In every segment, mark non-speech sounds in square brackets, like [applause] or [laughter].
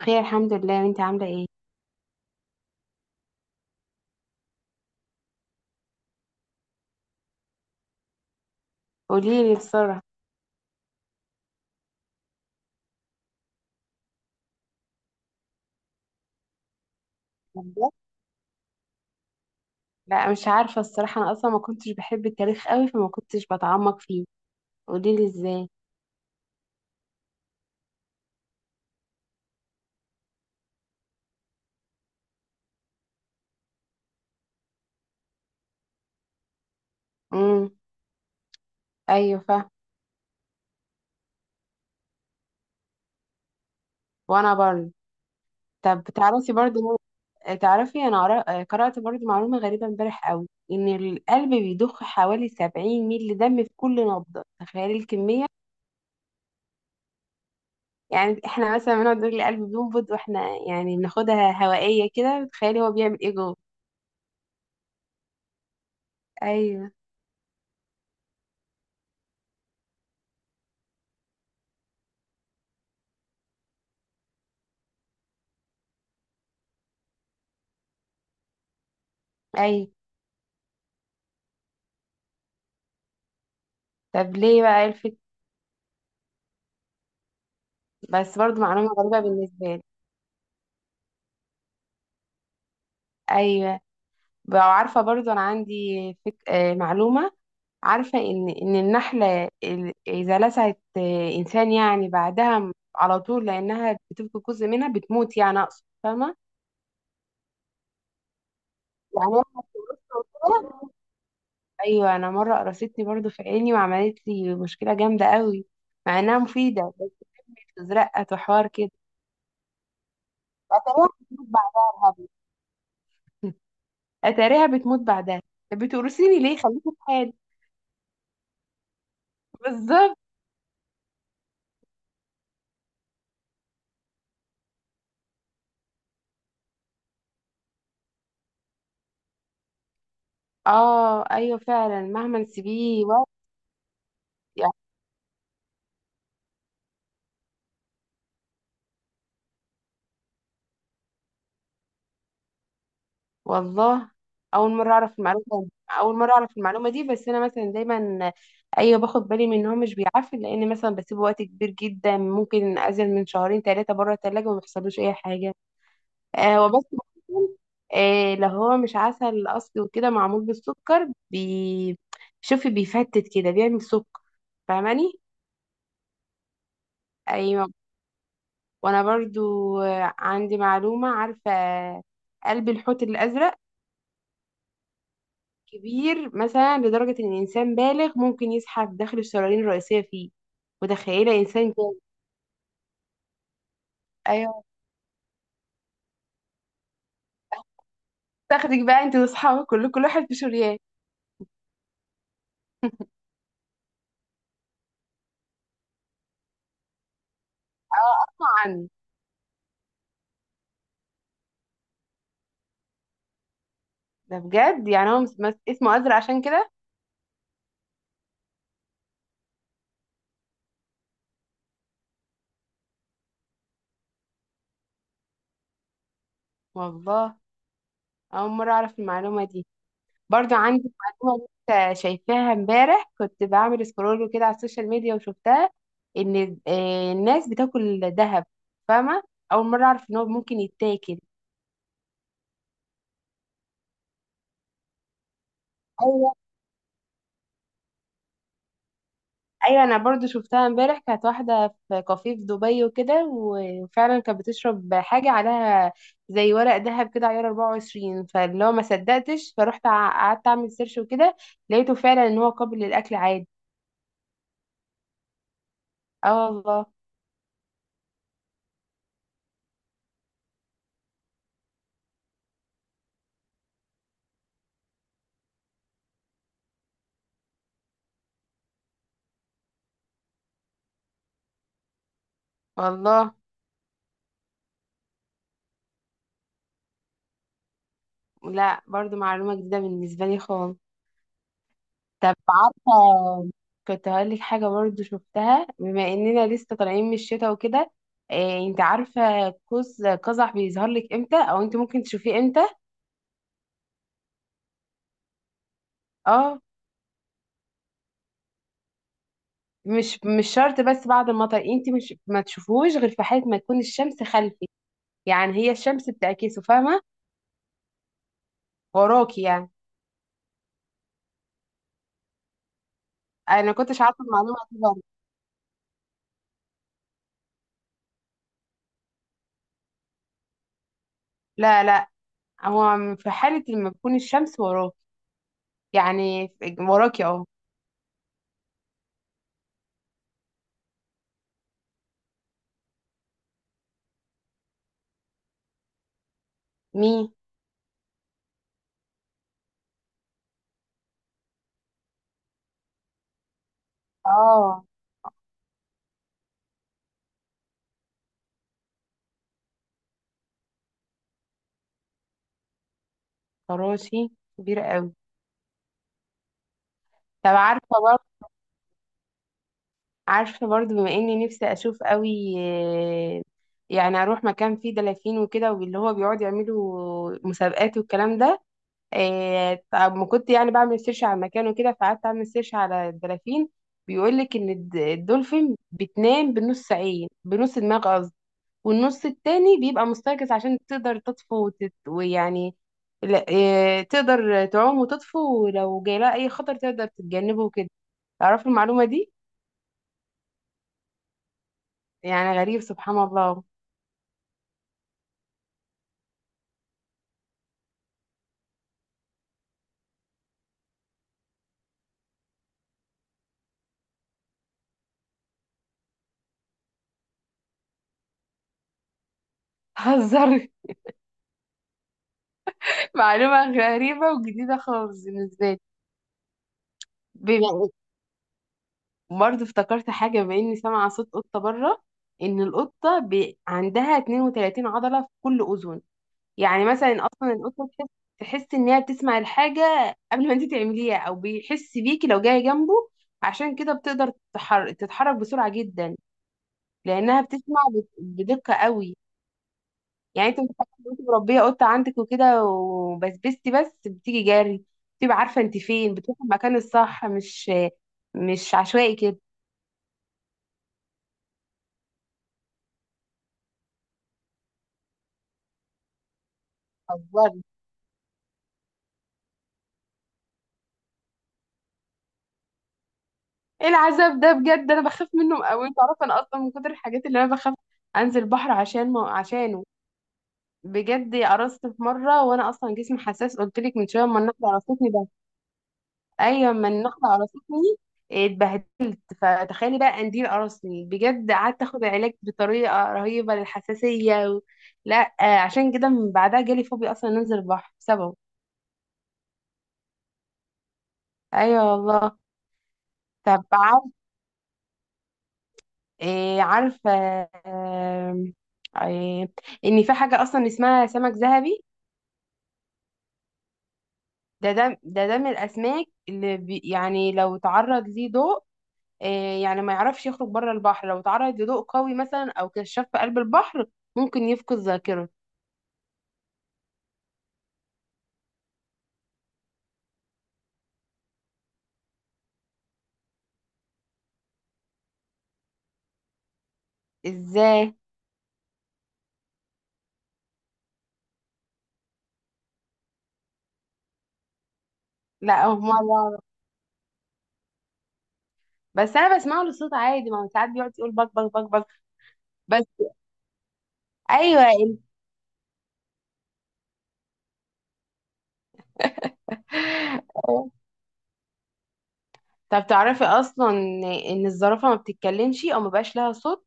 بخير الحمد لله، وانت عامله ايه؟ قولي لي بسرعه. لا مش عارفه الصراحه، انا اصلا ما كنتش بحب التاريخ قوي فما كنتش بتعمق فيه. قولي لي ازاي. امم ايوه فاهمه. وانا برضه. طب تعرفي برضه، تعرفي انا قرات برضه معلومه غريبه امبارح قوي، ان القلب بيضخ حوالي 70 مللي دم في كل نبضه. تخيلي الكميه. يعني احنا مثلا بنقعد نقول القلب بينبض واحنا يعني بناخدها هوائيه كده. تخيلي هو بيعمل ايه جوه. ايوه. ايوه. طب ليه بقى؟ ايه بس برضو معلومة غريبة بالنسبة لي. أيوة. بقى عارفة برضو أنا عندي فك... آه، معلومة. عارفة إن إن النحلة إذا لسعت إنسان، يعني بعدها على طول لأنها بتفقد جزء منها، بتموت. يعني أقصد، فاهمة؟ يعني هي متوترة. أيوة أنا مرة قرصتني برضو في عيني، وعملت لي مشكلة جامدة قوي مع إنها مفيدة، بس بتزرقت وحوار كده. أتاريها بتموت بعدها يا هبل. أتاريها بتموت بعدها. طب بتقرصيني ليه؟ خليكي في حالي. بالظبط. اه ايوه فعلا، مهما نسيبيه وقت. يعني والله اول مره اعرف المعلومه، اول مره اعرف المعلومه دي، بس انا مثلا دايما ايوه باخد بالي من ان هو مش بيعفن، لان مثلا بسيبه وقت كبير جدا، ممكن اقعد من شهرين ثلاثه بره الثلاجه وما بيحصلوش اي حاجه. وبس ممكن، لو هو مش عسل اصلي وكده، معمول بالسكر شوفي بيفتت كده، بيعمل سكر. فاهماني؟ ايوه. وانا برضو عندي معلومه. عارفه قلب الحوت الازرق كبير مثلا لدرجة إن إنسان بالغ ممكن يزحف داخل الشرايين الرئيسية فيه. متخيلة إنسان كده؟ أيوه. تاخدك بقى أنت وأصحابك، كل واحد في شريان. [laughs] أه أسمع عنه. ده بجد يعني هو اسمه أزرق عشان كده؟ والله أول مرة أعرف المعلومة دي. برضو عندي معلومة لسه شايفاها امبارح، كنت بعمل سكرول كده على السوشيال ميديا وشفتها. إن الناس بتاكل ذهب. فاهمة؟ أول مرة أعرف إن هو ممكن يتاكل. أيوة. ايوه انا برضو شفتها امبارح، كانت واحده في كافيه في دبي وكده، وفعلا كانت بتشرب حاجه عليها زي ورق ذهب كده عيار 24. فاللي هو ما صدقتش فروحت قعدت اعمل سيرش وكده، لقيته فعلا ان هو قابل للاكل عادي. اه والله. والله لا، برضو معلومه جديده بالنسبه لي خالص. طب عارفه، كنت هقول لك حاجه برضو شفتها بما اننا لسه طالعين من الشتاء وكده. إيه انت عارفه قوس قزح بيظهر لك امتى، او انت ممكن تشوفيه امتى؟ اه. مش مش شرط بس بعد المطر، انت مش ما تشوفوش غير في حالة ما تكون الشمس خلفي. يعني هي الشمس بتعكسه، فاهمة؟ وراكي يعني. انا ما كنتش عارفة المعلومة دي برضه. لا لا، هو في حالة لما تكون الشمس وراكي. يعني وراكي اهو. مي اه فراشي كبير قوي. طب عارفة برضه بما اني نفسي اشوف قوي، يعني اروح مكان فيه دلافين وكده، واللي هو بيقعد يعملوا مسابقات والكلام ده. طب ما كنت يعني بعمل سيرش على المكان وكده، فقعدت اعمل سيرش على الدلافين. بيقول لك ان الدولفين بتنام بنص عين، بنص دماغ قصدي، والنص التاني بيبقى مستيقظ عشان تقدر تطفو ويعني لا تقدر تعوم وتطفو، ولو جاي لها اي خطر تقدر تتجنبه وكده. تعرفي المعلومة دي؟ يعني غريب، سبحان الله. [laughs] هزر. معلومة غريبة وجديدة خالص بالنسبة لي. برضه افتكرت حاجة بما إني سامعة صوت قطة بره. إن القطة عندها 32 عضلة في كل أذن. يعني مثلا أصلا القطة تحس، تحس إن هي بتسمع الحاجة قبل ما أنت تعمليها، أو بيحس بيكي لو جاية جنبه. عشان كده بتقدر تتحرك بسرعة جدا، لأنها بتسمع بدقة قوي. يعني أنت متخيلة لو أنت مربية قطة عندك وكده، وبسبستي بس، بتيجي جري، بتبقى عارفة أنت فين، بتروحي المكان الصح، مش مش عشوائي كده. ايه العذاب ده بجد، انا بخاف منه قوي. تعرف انا اصلا من كتر الحاجات اللي انا بخاف انزل البحر عشان ما عشانه بجد قرصت في مره، وانا اصلا جسمي حساس، قلت لك من شويه اما النحله قرصتني ده. ايوه اما النحله قرصتني اتبهدلت، فتخيلي بقى قنديل قرصني بجد. قعدت اخد علاج بطريقه رهيبه للحساسيه و... لا عشان كده من بعدها جالي فوبيا اصلا انزل البحر بسببه. ايوه والله. طب إيه عارفة، آم، إيه إن في حاجة أصلا اسمها سمك ذهبي؟ ده من الأسماك اللي يعني لو تعرض ليه ضوء، إيه، يعني ما يعرفش يخرج بره البحر. لو تعرض لضوء قوي مثلا أو كشاف في قلب البحر، ممكن يفقد ذاكرته. إزاي؟ لا، أول مرة أعرف. بس أنا بسمعه للصوت عادي، ما هو ساعات بيقعد يقول بك بك بك بك بس. أيوه [laughs] طب تعرفي أصلا إن الزرافة ما بتتكلمش أو ما بقاش لها صوت؟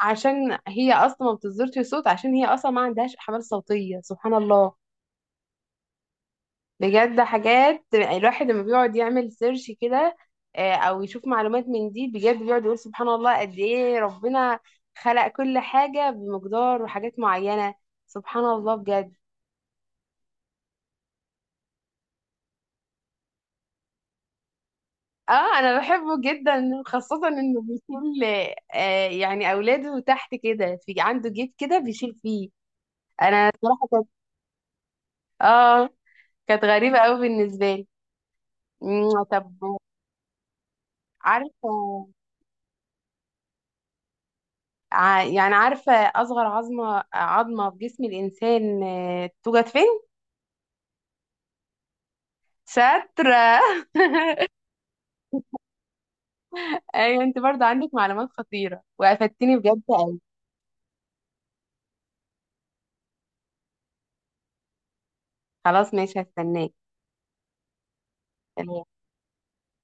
عشان هي اصلا ما بتصدرش صوت، عشان هي اصلا ما عندهاش احبال صوتيه. سبحان الله. بجد حاجات الواحد لما بيقعد يعمل سيرش كده، او يشوف معلومات من دي، بجد بيقعد يقول سبحان الله، قد ايه ربنا خلق كل حاجه بمقدار وحاجات معينه. سبحان الله بجد. اه انا بحبه جدا، خاصه انه بيكون يعني اولاده تحت كده، في عنده جيب كده بيشيل فيه. بصراحه كانت اه كانت غريبه قوي بالنسبه لي. طب عارفة، يعني عارفة أصغر عظمة عظمة في جسم الإنسان توجد فين؟ شاطرة. [laughs] أيوة أنت برضه عندك معلومات خطيرة، وقفتني بجد أوي. خلاص ماشي، هستناك.